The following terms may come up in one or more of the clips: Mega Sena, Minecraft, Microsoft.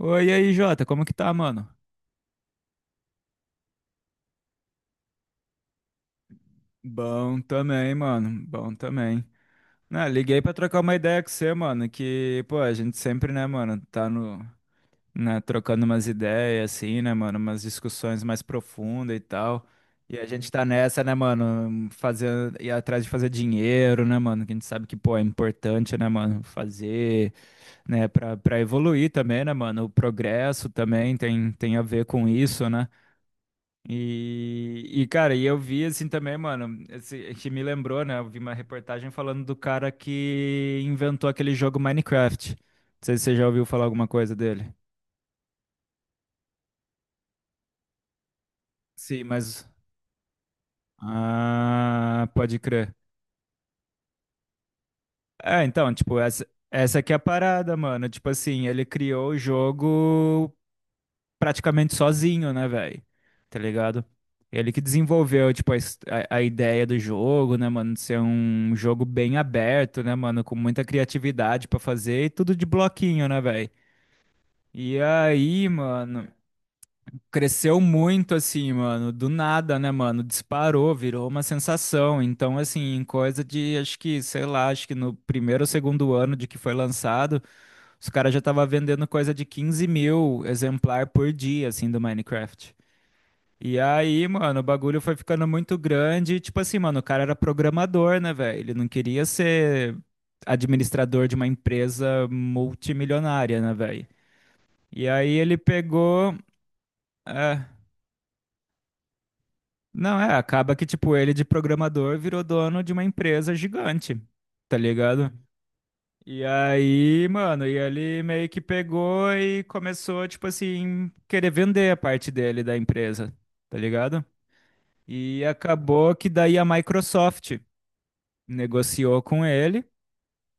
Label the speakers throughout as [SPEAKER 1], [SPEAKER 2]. [SPEAKER 1] Oi, e aí, Jota, como que tá, mano? Bom também, mano. Bom também. Né, liguei pra trocar uma ideia com você, mano, que, pô, a gente sempre, né, mano, tá no, né, trocando umas ideias, assim, né, mano, umas discussões mais profundas e tal. E a gente tá nessa, né, mano, ir atrás de fazer dinheiro, né, mano, que a gente sabe que, pô, é importante, né, mano, fazer, né, pra evoluir também, né, mano, o progresso também tem a ver com isso, né? Cara, e eu vi assim também, mano, que me lembrou, né? Eu vi uma reportagem falando do cara que inventou aquele jogo Minecraft. Não sei se você já ouviu falar alguma coisa dele. Sim, mas. Ah, pode crer. É, então, tipo, essa aqui é a parada, mano. Tipo assim, ele criou o jogo praticamente sozinho, né, velho? Tá ligado? Ele que desenvolveu, tipo, a ideia do jogo, né, mano, de ser um jogo bem aberto, né, mano? Com muita criatividade pra fazer e tudo de bloquinho, né, velho? E aí, mano, cresceu muito, assim, mano, do nada, né, mano? Disparou, virou uma sensação. Então, assim, em coisa de, acho que, sei lá, acho que no primeiro ou segundo ano de que foi lançado, os caras já estavam vendendo coisa de 15 mil exemplar por dia, assim, do Minecraft. E aí, mano, o bagulho foi ficando muito grande. E, tipo assim, mano, o cara era programador, né, velho? Ele não queria ser administrador de uma empresa multimilionária, né, velho? E aí ele pegou. É, não, é, acaba que, tipo, ele de programador virou dono de uma empresa gigante, tá ligado? E aí, mano, e ele meio que pegou e começou, tipo assim, querer vender a parte dele da empresa, tá ligado? E acabou que daí a Microsoft negociou com ele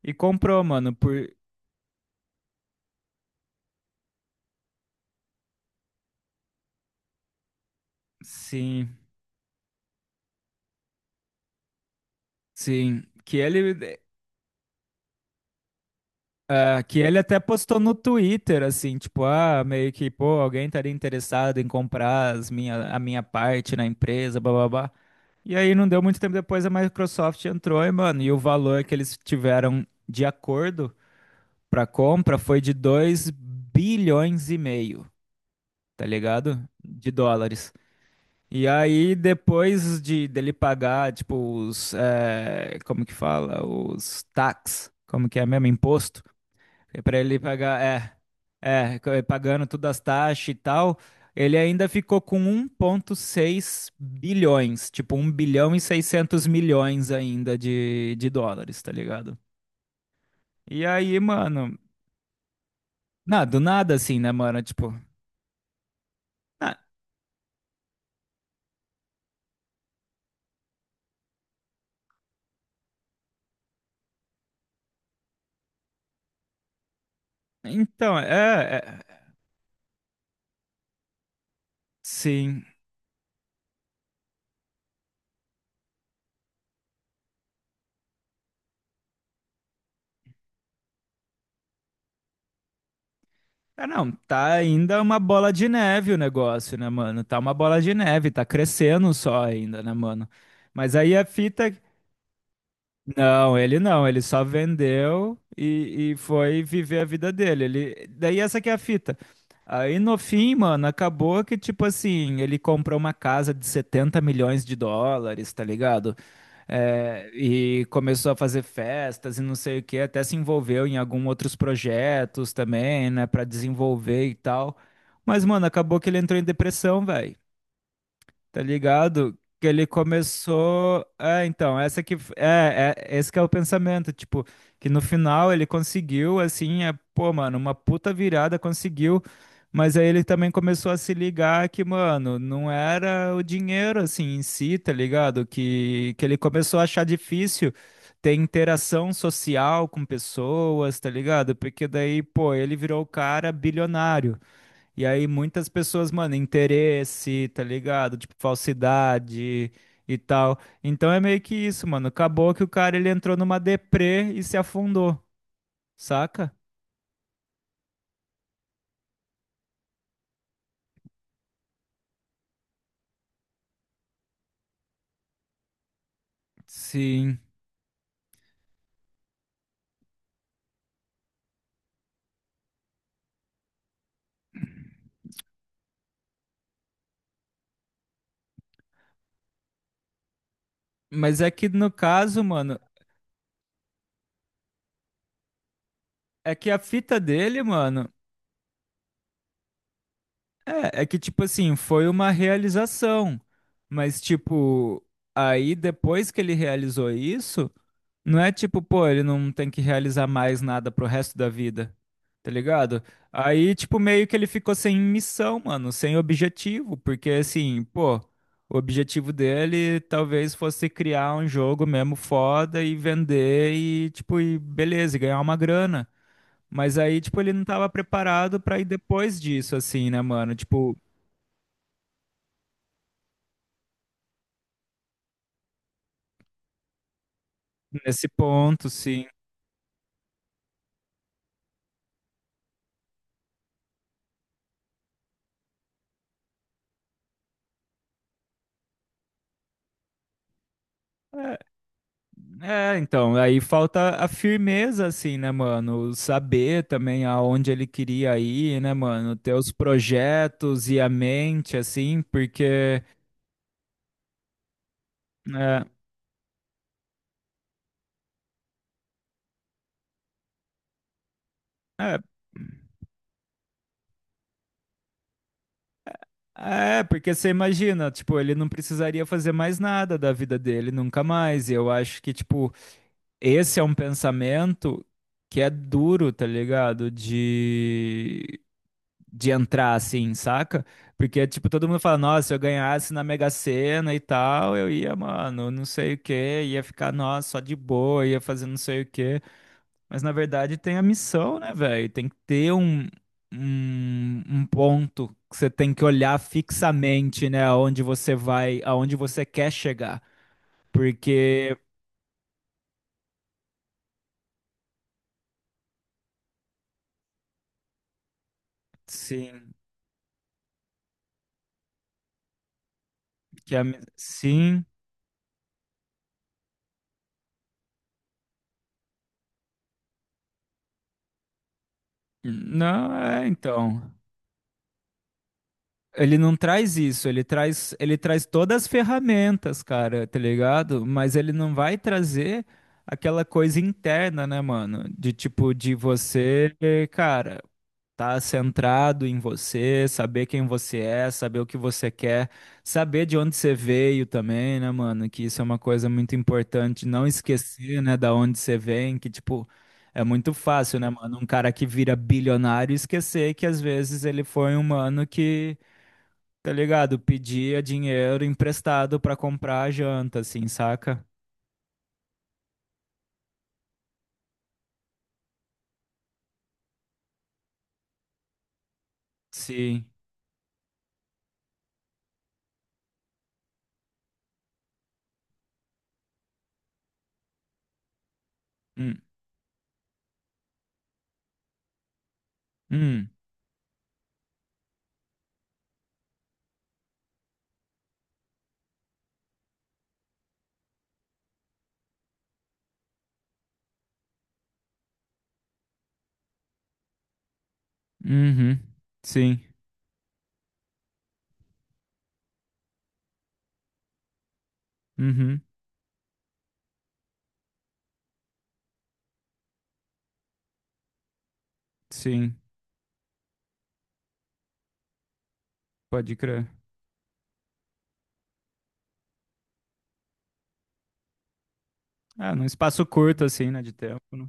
[SPEAKER 1] e comprou, mano, por sim, sim, que ele que ele até postou no Twitter assim, tipo, ah, meio que, pô, alguém estaria interessado em comprar a minha parte na empresa, blá blá blá. E aí não deu muito tempo depois a Microsoft entrou e, mano, e o valor que eles tiveram de acordo pra compra foi de 2,5 bilhões, tá ligado? De dólares. E aí, depois de dele pagar, tipo, como que fala? Os tax. Como que é mesmo? Imposto. É pra ele pagar. É. É, pagando todas as taxas e tal. Ele ainda ficou com 1,6 bilhões. Tipo, 1,6 bilhão ainda de dólares, tá ligado? E aí, mano. Não, do nada assim, né, mano? Tipo. ah, então, é sim. É não, tá ainda uma bola de neve o negócio, né, mano? Tá uma bola de neve, tá crescendo só ainda, né, mano? Mas aí a fita. Não, ele não, ele só vendeu e foi viver a vida dele. Daí essa que é a fita. Aí no fim, mano, acabou que, tipo assim, ele comprou uma casa de 70 milhões de dólares, tá ligado? É, e começou a fazer festas e não sei o que, até se envolveu em alguns outros projetos também, né, pra desenvolver e tal. Mas, mano, acabou que ele entrou em depressão, velho. Tá ligado? Que ele começou. É, então, essa que. É, é, esse que é o pensamento. Tipo, que no final ele conseguiu, assim, é, pô, mano, uma puta virada conseguiu. Mas aí ele também começou a se ligar que, mano, não era o dinheiro, assim, em si, tá ligado? Que ele começou a achar difícil ter interação social com pessoas, tá ligado? Porque daí, pô, ele virou o cara bilionário. E aí muitas pessoas, mano, interesse, tá ligado? Tipo, falsidade e tal. Então é meio que isso, mano. Acabou que o cara ele entrou numa deprê e se afundou, saca? Sim. Mas é que no caso, mano, é que a fita dele, mano. É, é que, tipo assim, foi uma realização. Mas, tipo, aí depois que ele realizou isso, não é tipo, pô, ele não tem que realizar mais nada pro resto da vida. Tá ligado? Aí, tipo, meio que ele ficou sem missão, mano, sem objetivo. Porque, assim, pô, o objetivo dele talvez fosse criar um jogo mesmo foda e vender e, tipo, e beleza, e ganhar uma grana. Mas aí, tipo, ele não tava preparado pra ir depois disso, assim, né, mano? Tipo, nesse ponto, sim. É, então, aí falta a firmeza, assim, né, mano? Saber também aonde ele queria ir, né, mano? Ter os projetos e a mente, assim, porque. É, é, Porque você imagina, tipo, ele não precisaria fazer mais nada da vida dele, nunca mais. E eu acho que, tipo, esse é um pensamento que é duro, tá ligado? De entrar assim, saca? Porque, tipo, todo mundo fala, nossa, se eu ganhasse na Mega Sena e tal, eu ia, mano, não sei o quê, ia ficar, nossa, só de boa, ia fazer não sei o quê. Mas, na verdade, tem a missão, né, velho? Tem que ter um ponto que você tem que olhar fixamente, né, aonde você vai, aonde você quer chegar. Porque, sim, sim. Não, é, então. Ele não traz isso, ele traz todas as ferramentas, cara, tá ligado? Mas ele não vai trazer aquela coisa interna, né, mano? De tipo, de você, cara. Tá centrado em você, saber quem você é, saber o que você quer, saber de onde você veio também, né, mano? Que isso é uma coisa muito importante, não esquecer, né, da onde você vem, que tipo, é muito fácil, né, mano? Um cara que vira bilionário esquecer que às vezes ele foi um mano que, tá ligado, pedia dinheiro emprestado pra comprar a janta, assim, saca? Sim. Hum. Hum. Uhum. Sim. Uhum. Sim. Pode crer. Ah, num espaço curto, assim, né, de tempo, né?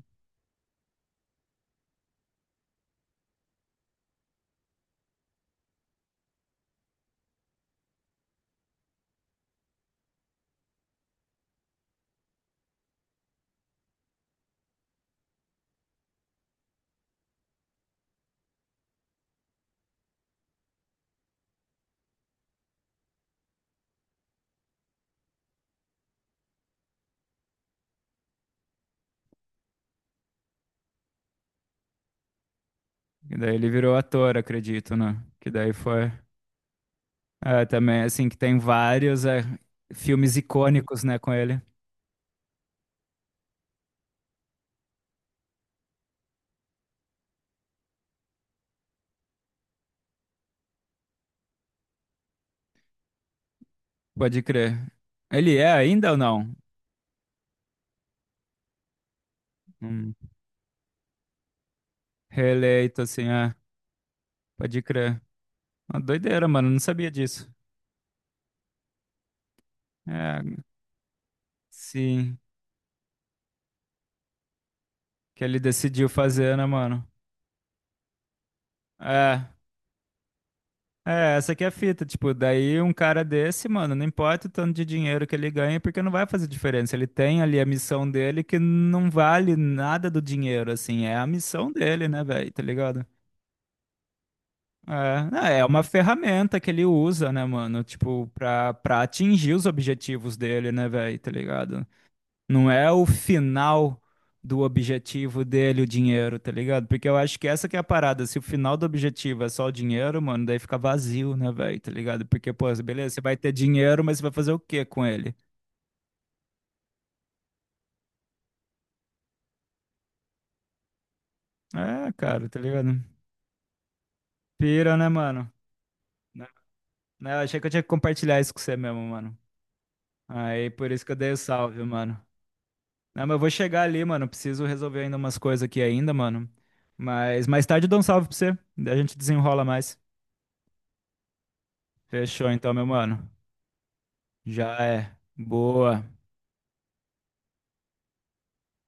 [SPEAKER 1] E daí ele virou ator, acredito, né? Que daí foi... É, também, assim, que tem vários é, filmes icônicos, né, com ele. Pode crer. Ele é ainda ou não? Hum, reeleito, assim, é. Pode crer. Uma doideira, mano, não sabia disso. É, sim, que ele decidiu fazer, né, mano? É, é, essa aqui é a fita, tipo, daí um cara desse, mano, não importa o tanto de dinheiro que ele ganha, porque não vai fazer diferença. Ele tem ali a missão dele que não vale nada do dinheiro, assim, é a missão dele, né, velho, tá ligado? É, não, é uma ferramenta que ele usa, né, mano, tipo, pra atingir os objetivos dele, né, velho, tá ligado? Não é o final do objetivo dele, o dinheiro, tá ligado? Porque eu acho que essa que é a parada. Se o final do objetivo é só o dinheiro, mano, daí fica vazio, né, velho? Tá ligado? Porque, pô, beleza, você vai ter dinheiro, mas você vai fazer o quê com ele? É, cara, tá ligado? Pira, né, mano? Né? Né, eu achei que eu tinha que compartilhar isso com você mesmo, mano. Aí, por isso que eu dei o salve, mano. Não, mas eu vou chegar ali, mano. Preciso resolver ainda umas coisas aqui ainda, mano. Mas mais tarde eu dou um salve pra você. Daí a gente desenrola mais. Fechou então, meu mano. Já é. Boa.